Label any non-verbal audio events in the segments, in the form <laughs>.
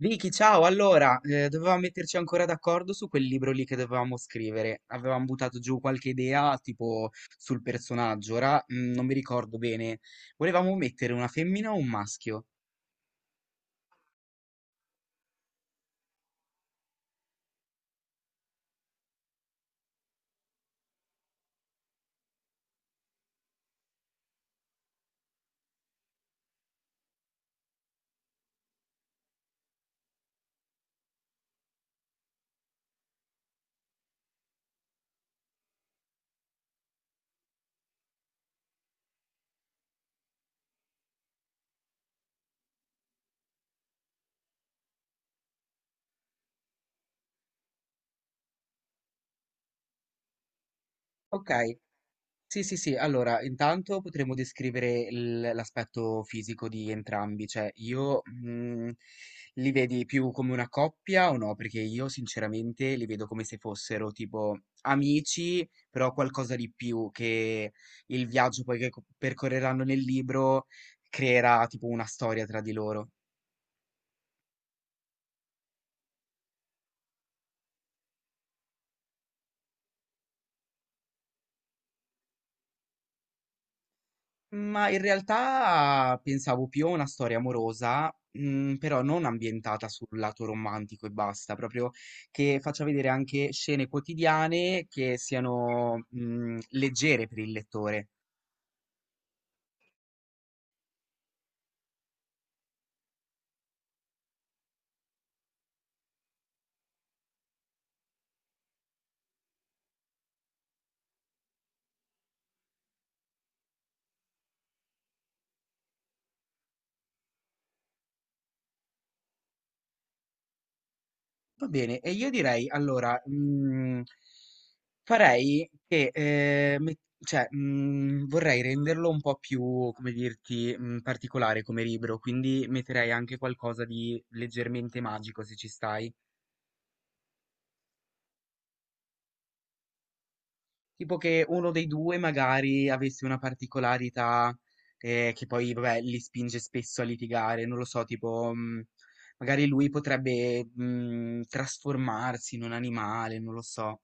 Vicky, ciao! Allora, dovevamo metterci ancora d'accordo su quel libro lì che dovevamo scrivere. Avevamo buttato giù qualche idea, tipo sul personaggio. Ora, non mi ricordo bene. Volevamo mettere una femmina o un maschio. Ok, sì, sì, sì. Allora, intanto potremmo descrivere l'aspetto fisico di entrambi, cioè io, li vedi più come una coppia o no? Perché io sinceramente li vedo come se fossero tipo amici, però qualcosa di più che il viaggio poi che percorreranno nel libro creerà tipo una storia tra di loro. Ma in realtà pensavo più a una storia amorosa, però non ambientata sul lato romantico e basta, proprio che faccia vedere anche scene quotidiane che siano, leggere per il lettore. Va bene, e io direi allora, farei che, cioè, vorrei renderlo un po' più, come dirti, particolare come libro, quindi metterei anche qualcosa di leggermente magico se ci stai. Tipo che uno dei due magari avesse una particolarità che poi vabbè, li spinge spesso a litigare, non lo so, tipo, magari lui potrebbe, trasformarsi in un animale, non lo so.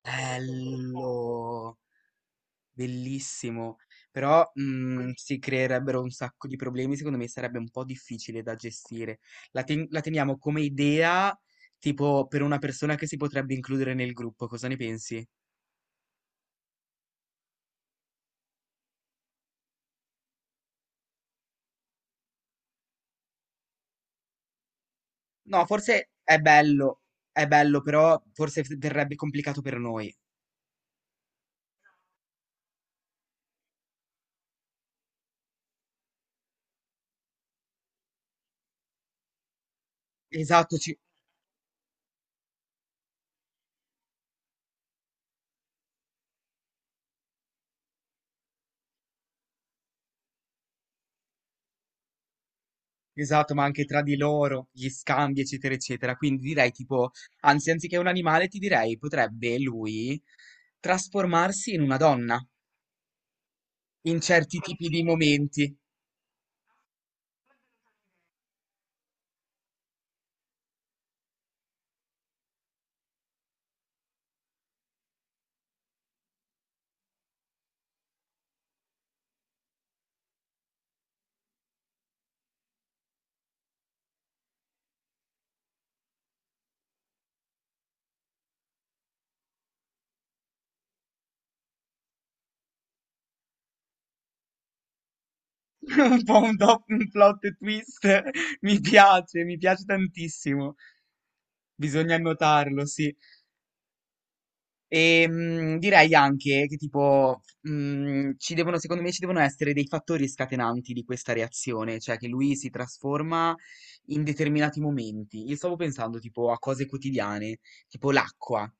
Bello, bellissimo, però, si creerebbero un sacco di problemi, secondo me sarebbe un po' difficile da gestire. La, la teniamo come idea, tipo per una persona che si potrebbe includere nel gruppo, cosa ne pensi? No, forse è bello, però forse verrebbe complicato per noi. Esatto, esatto, ma anche tra di loro, gli scambi, eccetera, eccetera. Quindi direi tipo, anziché un animale, ti direi potrebbe lui trasformarsi in una donna in certi tipi di momenti. <laughs> Un po' un plot twist. <laughs> Mi piace tantissimo. Bisogna annotarlo, sì. E direi anche che tipo, secondo me ci devono essere dei fattori scatenanti di questa reazione, cioè che lui si trasforma in determinati momenti. Io stavo pensando tipo a cose quotidiane, tipo l'acqua.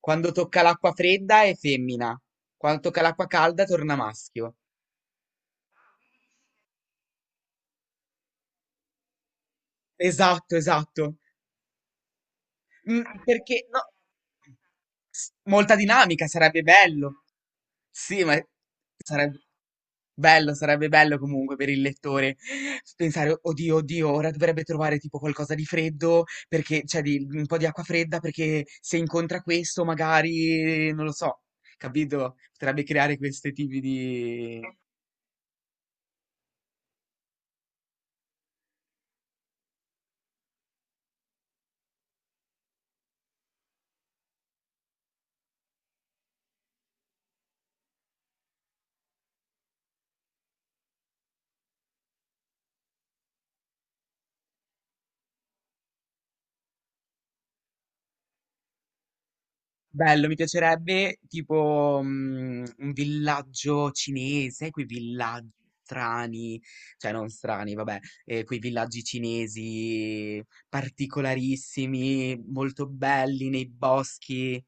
Quando tocca l'acqua fredda è femmina, quando tocca l'acqua calda torna maschio. Esatto, esatto. Perché no S molta dinamica, sarebbe bello. Sì, ma sarebbe sarebbe bello comunque per il lettore pensare: "Oddio, oddio, ora dovrebbe trovare tipo qualcosa di freddo perché cioè di un po' di acqua fredda perché se incontra questo magari", non lo so, capito? Potrebbe creare questi tipi di bello, mi piacerebbe tipo, un villaggio cinese, quei villaggi strani, cioè non strani, vabbè, quei villaggi cinesi particolarissimi, molto belli nei boschi.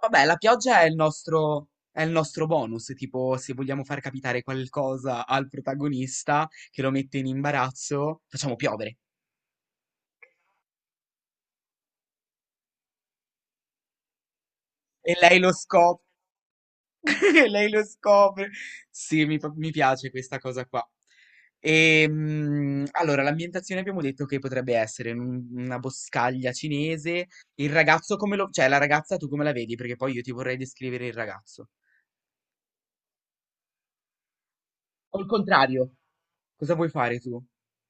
Vabbè, la pioggia è il nostro bonus, tipo se vogliamo far capitare qualcosa al protagonista che lo mette in imbarazzo, facciamo piovere. E lei lo scopre. <laughs> E lei lo scopre. Sì, mi piace questa cosa qua. E, allora, l'ambientazione abbiamo detto che potrebbe essere in una boscaglia cinese. Il ragazzo come lo... cioè la ragazza tu come la vedi? Perché poi io ti vorrei descrivere il ragazzo. O il contrario. Cosa vuoi fare tu?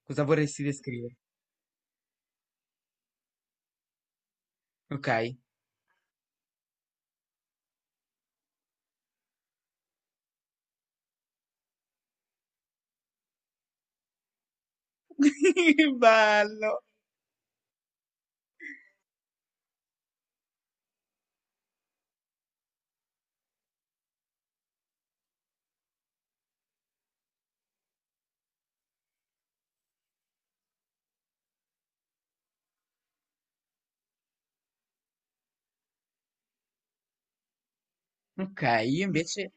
Cosa vorresti descrivere? Ok. <laughs> Bello. Ok, io invece...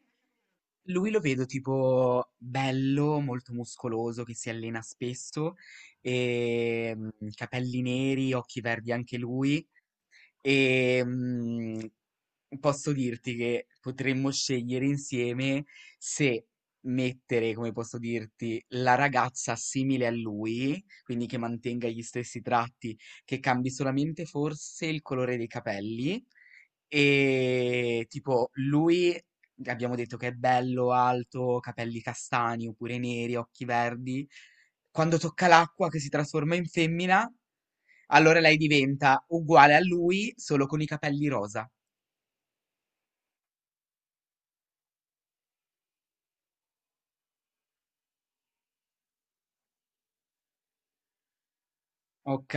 Lui lo vedo tipo bello, molto muscoloso, che si allena spesso, e capelli neri, occhi verdi anche lui, e posso dirti che potremmo scegliere insieme se mettere, come posso dirti, la ragazza simile a lui, quindi che mantenga gli stessi tratti, che cambi solamente forse il colore dei capelli. E tipo, lui abbiamo detto che è bello, alto, capelli castani oppure neri, occhi verdi. Quando tocca l'acqua che si trasforma in femmina, allora lei diventa uguale a lui, solo con i capelli rosa. Ok.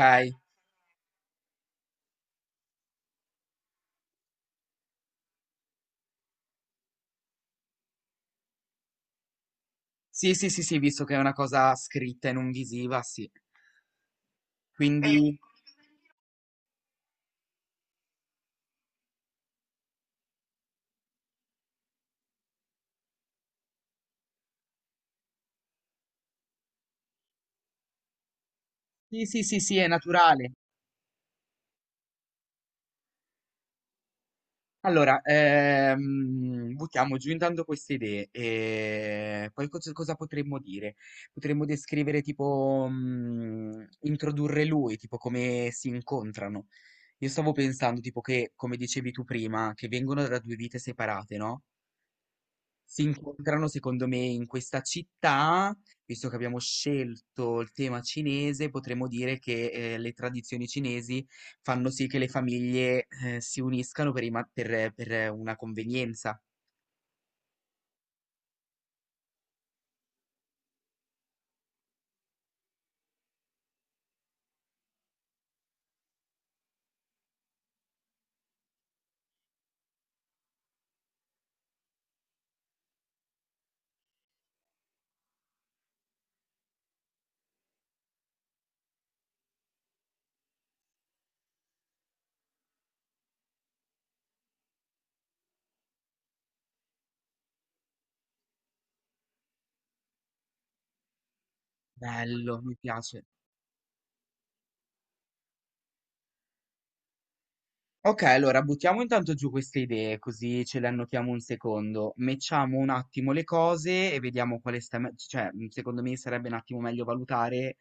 Sì, sì, sì, sì, visto che è una cosa scritta e non visiva, sì. Quindi, sì, sì, sì, sì, è naturale. Allora, buttiamo giù intanto queste idee e poi cosa potremmo dire? Potremmo descrivere tipo, introdurre lui, tipo come si incontrano. Io stavo pensando tipo che, come dicevi tu prima, che vengono da due vite separate, no? Si incontrano secondo me in questa città, visto che abbiamo scelto il tema cinese, potremmo dire che le tradizioni cinesi fanno sì che le famiglie si uniscano per, per una convenienza. Bello, mi piace. Ok, allora buttiamo intanto giù queste idee, così ce le annotiamo un secondo. Mettiamo un attimo le cose e vediamo quale sta, cioè, secondo me sarebbe un attimo meglio valutare,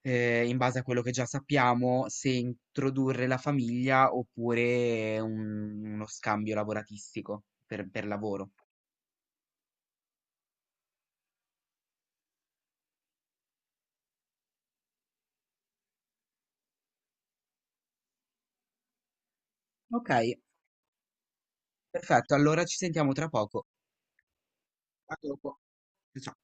in base a quello che già sappiamo, se introdurre la famiglia oppure uno scambio lavoratistico per lavoro. Ok, perfetto, allora ci sentiamo tra poco. A dopo. Ciao.